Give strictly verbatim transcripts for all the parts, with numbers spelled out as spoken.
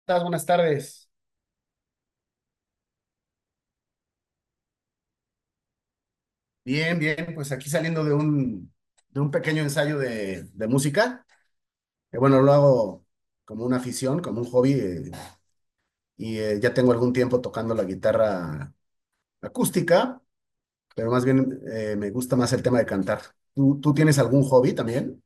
Estás? Buenas tardes. Bien, bien, pues aquí saliendo de un, de un pequeño ensayo de, de música, que bueno, lo hago como una afición, como un hobby, eh, y eh, ya tengo algún tiempo tocando la guitarra acústica, pero más bien eh, me gusta más el tema de cantar. ¿Tú, tú tienes algún hobby también?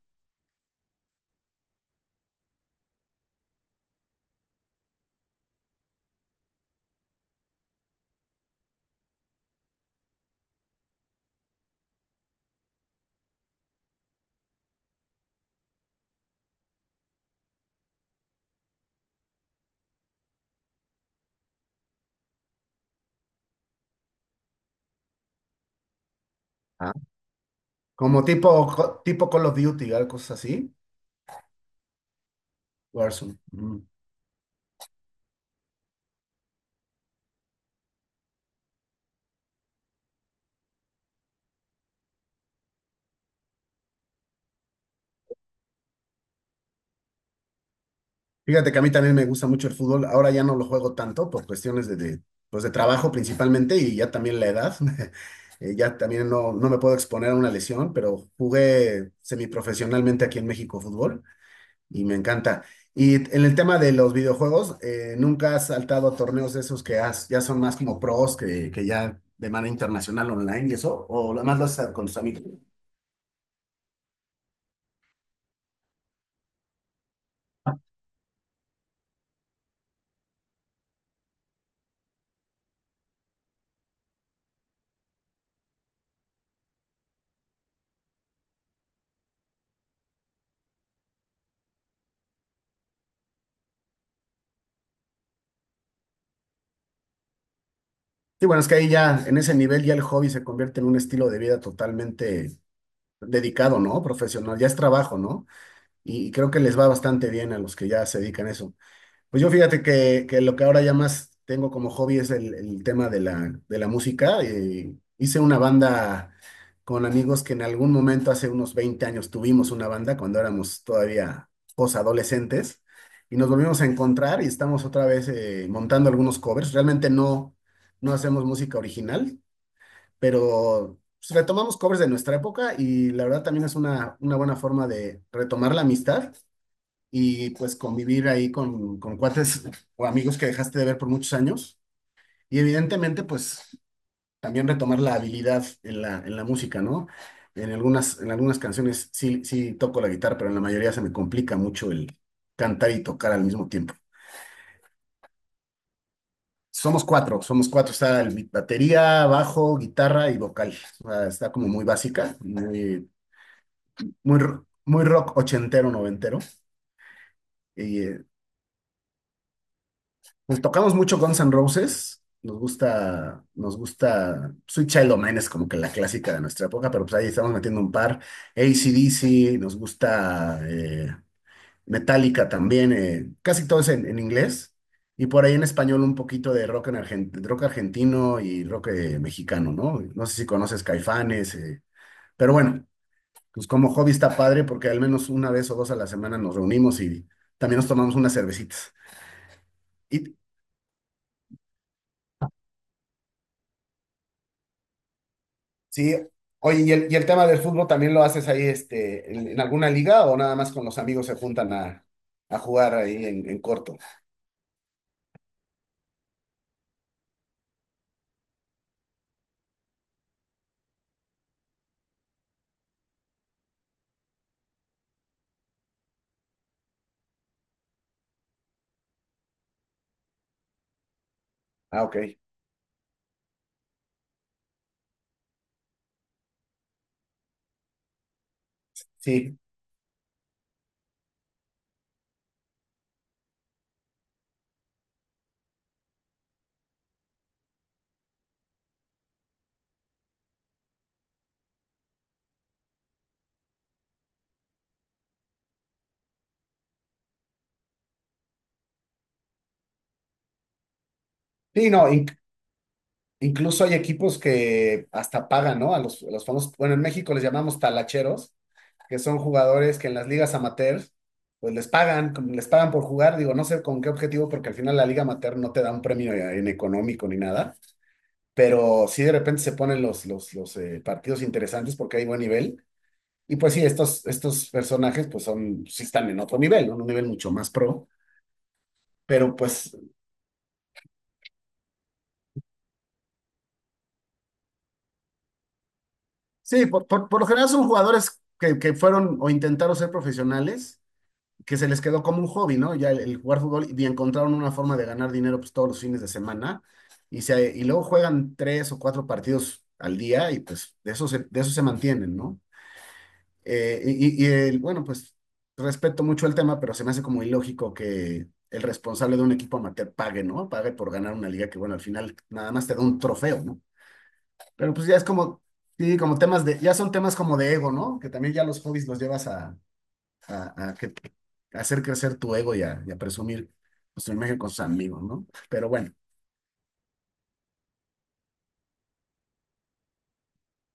Ah, como tipo, co- tipo Call of Duty, algo así. Warzone. Ujú. Fíjate que a mí también me gusta mucho el fútbol. Ahora ya no lo juego tanto por cuestiones de, de, pues de trabajo principalmente y ya también la edad. Eh, ya también no, no me puedo exponer a una lesión, pero jugué semiprofesionalmente aquí en México fútbol y me encanta. Y en el tema de los videojuegos, eh, ¿nunca has saltado a torneos de esos que has- ya son más como pros que, que ya de manera internacional online y eso? ¿O nada más lo haces con tus amigos? Sí, bueno, es que ahí ya en ese nivel ya el hobby se convierte en un estilo de vida totalmente dedicado, ¿no? Profesional, ya es trabajo, ¿no? Y, y creo que les va bastante bien a los que ya se dedican a eso. Pues yo fíjate que, que lo que ahora ya más tengo como hobby es el, el tema de la, de la música. Eh, hice una banda con amigos que en algún momento, hace unos veinte años, tuvimos una banda cuando éramos todavía posadolescentes y nos volvimos a encontrar y estamos otra vez eh, montando algunos covers. Realmente no, no hacemos música original, pero pues, retomamos covers de nuestra época y la verdad también es una, una buena forma de retomar la amistad y pues convivir ahí con, con cuates o amigos que dejaste de ver por muchos años. Y evidentemente pues también retomar la habilidad en la, en la música, ¿no? En algunas, en algunas canciones sí, sí toco la guitarra, pero en la mayoría se me complica mucho el cantar y tocar al mismo tiempo. Somos cuatro, somos cuatro. Está el bi- batería, bajo, guitarra y vocal. O sea, está como muy básica, muy muy, ro- muy rock ochentero, noventero. Y eh, pues tocamos mucho Guns N' Roses. Nos gusta, nos gusta Sweet Child O' Mine es como que la clásica de nuestra época, pero pues ahí estamos metiendo un par. A C D C, nos gusta eh, Metallica también, eh, casi todo es en, en inglés. Y por ahí en español un poquito de rock, en argen- rock argentino y rock eh, mexicano, ¿no? No sé si conoces Caifanes, eh, pero bueno, pues como hobby está padre porque al menos una vez o dos a la semana nos reunimos y también nos tomamos unas cervecitas. Y sí, oye, ¿y el, y el tema del fútbol también lo haces ahí este, en, en alguna liga o nada más con los amigos se juntan a, a jugar ahí en, en corto? Ah, ok. Sí, sí, no, inc- incluso hay equipos que hasta pagan, ¿no? A los, a los famosos, bueno, en México les llamamos talacheros, que son jugadores que en las ligas amateur, pues les pagan, como les pagan por jugar, digo, no sé con qué objetivo, porque al final la liga amateur no te da un premio en económico ni nada, pero sí de repente se ponen los, los, los eh, partidos interesantes porque hay buen nivel. Y pues sí, estos, estos personajes pues son, sí están en otro nivel, ¿no? Un nivel mucho más pro, pero pues sí, por, por, por lo general son jugadores que, que fueron o intentaron ser profesionales que se les quedó como un hobby, ¿no? Ya el, el jugar fútbol y encontraron una forma de ganar dinero pues todos los fines de semana y, se, y luego juegan tres o cuatro partidos al día y pues de eso se, de eso se mantienen, ¿no? Eh, y, y- y el, bueno, pues respeto mucho el tema, pero se me hace como ilógico que el responsable de un equipo amateur pague, ¿no? Pague por ganar una liga que, bueno, al final nada más te da un trofeo, ¿no? Pero pues ya es como, sí, como temas de, ya son temas como de ego, ¿no? Que también ya los hobbies los llevas a, a, a que- a hacer crecer tu ego y a, y a presumir pues, tu imagen con sus amigos, ¿no? Pero bueno,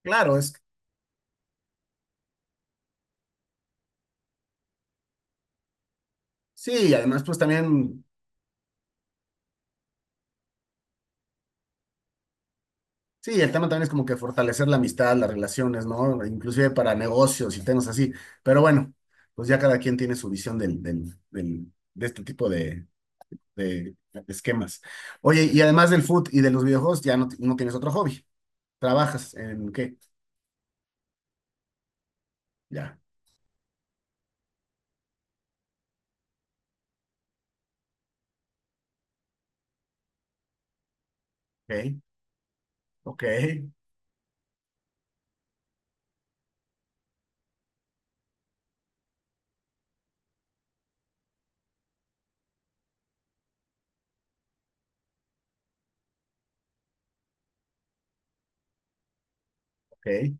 claro, es sí, y además pues también, sí, el tema también es como que fortalecer la amistad, las relaciones, ¿no? Inclusive para negocios y temas así, pero bueno, pues ya cada quien tiene su visión del, del, del- de este tipo de, de esquemas. Oye, y además del foot y de los videojuegos, ya no, no tienes otro hobby, ¿trabajas en qué? Ya, ok, ok, ok.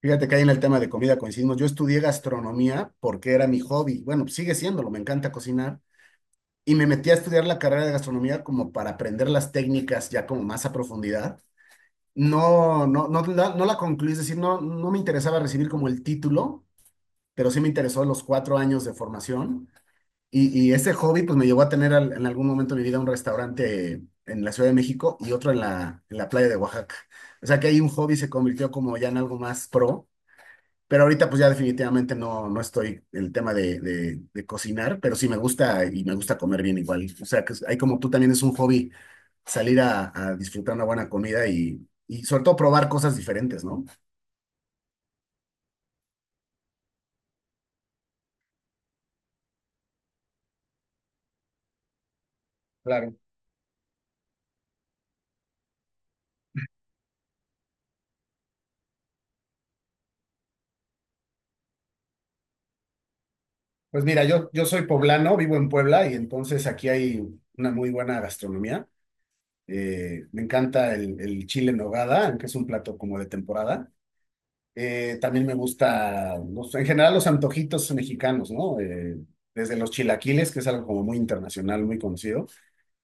Fíjate que ahí en el tema de comida coincidimos. Yo estudié gastronomía porque era mi hobby. Bueno, pues sigue siéndolo, me encanta cocinar. Y me metí a estudiar la carrera de gastronomía como para aprender las técnicas ya como más a profundidad. No, no, no, la- no la concluí, es decir, no, no me interesaba recibir como el título, pero sí me interesó los cuatro años de formación. Y, y ese hobby pues me llevó a tener al- en algún momento de mi vida un restaurante en la Ciudad de México y otro en la, en la playa de Oaxaca. O sea que ahí un hobby se convirtió como ya en algo más pro, pero ahorita pues ya definitivamente no, no estoy en el tema de, de- de cocinar, pero sí me gusta y me gusta comer bien igual. O sea, que es- hay como tú también es un hobby salir a, a disfrutar una buena comida y, y sobre todo probar cosas diferentes, ¿no? Claro. Pues mira, yo, yo soy poblano, vivo en Puebla y entonces aquí hay una muy buena gastronomía. Eh, me encanta el, el chile en nogada, que es un plato como de temporada. Eh, también me gusta, los- en general, los antojitos mexicanos, ¿no? Eh, desde los chilaquiles, que es algo como muy internacional, muy conocido.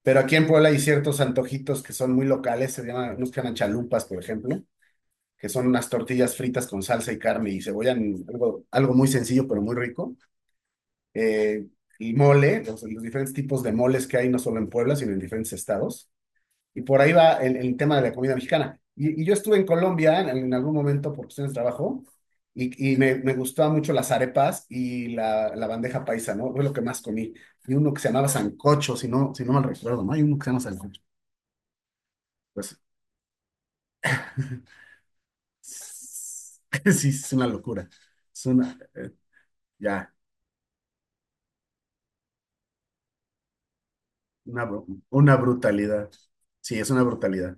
Pero aquí en Puebla hay ciertos antojitos que son muy locales, se llaman, nos llaman chalupas, por ejemplo, que son unas tortillas fritas con salsa y carne y cebolla, en- algo, algo muy sencillo, pero muy rico. Eh, y mole, los, los diferentes tipos de moles que hay, no solo en Puebla, sino en diferentes estados. Y por ahí va el, el tema de la comida mexicana. Y, y yo estuve en Colombia en, en algún momento por cuestiones de trabajo y, y me, me gustaban mucho las arepas y la, la bandeja paisa, ¿no? Fue lo que más comí. Y uno que se llamaba sancocho, si no, si no mal recuerdo, ¿no? Hay uno que se llama sancocho. Pues sí, es una locura. Es una, eh, ya, una, bru- una brutalidad. Sí, es una brutalidad.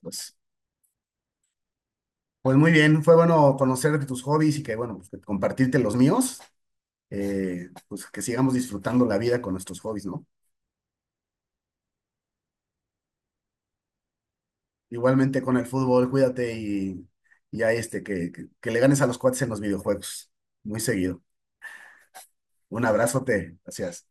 Pues, pues muy bien, fue bueno conocer de tus hobbies y que, bueno, pues, compartirte los míos. Eh, pues que sigamos disfrutando la vida con nuestros hobbies, ¿no? Igualmente con el fútbol, cuídate y, y ahí este, que, que, que le ganes a los cuates en los videojuegos, muy seguido. Un abrazote, gracias.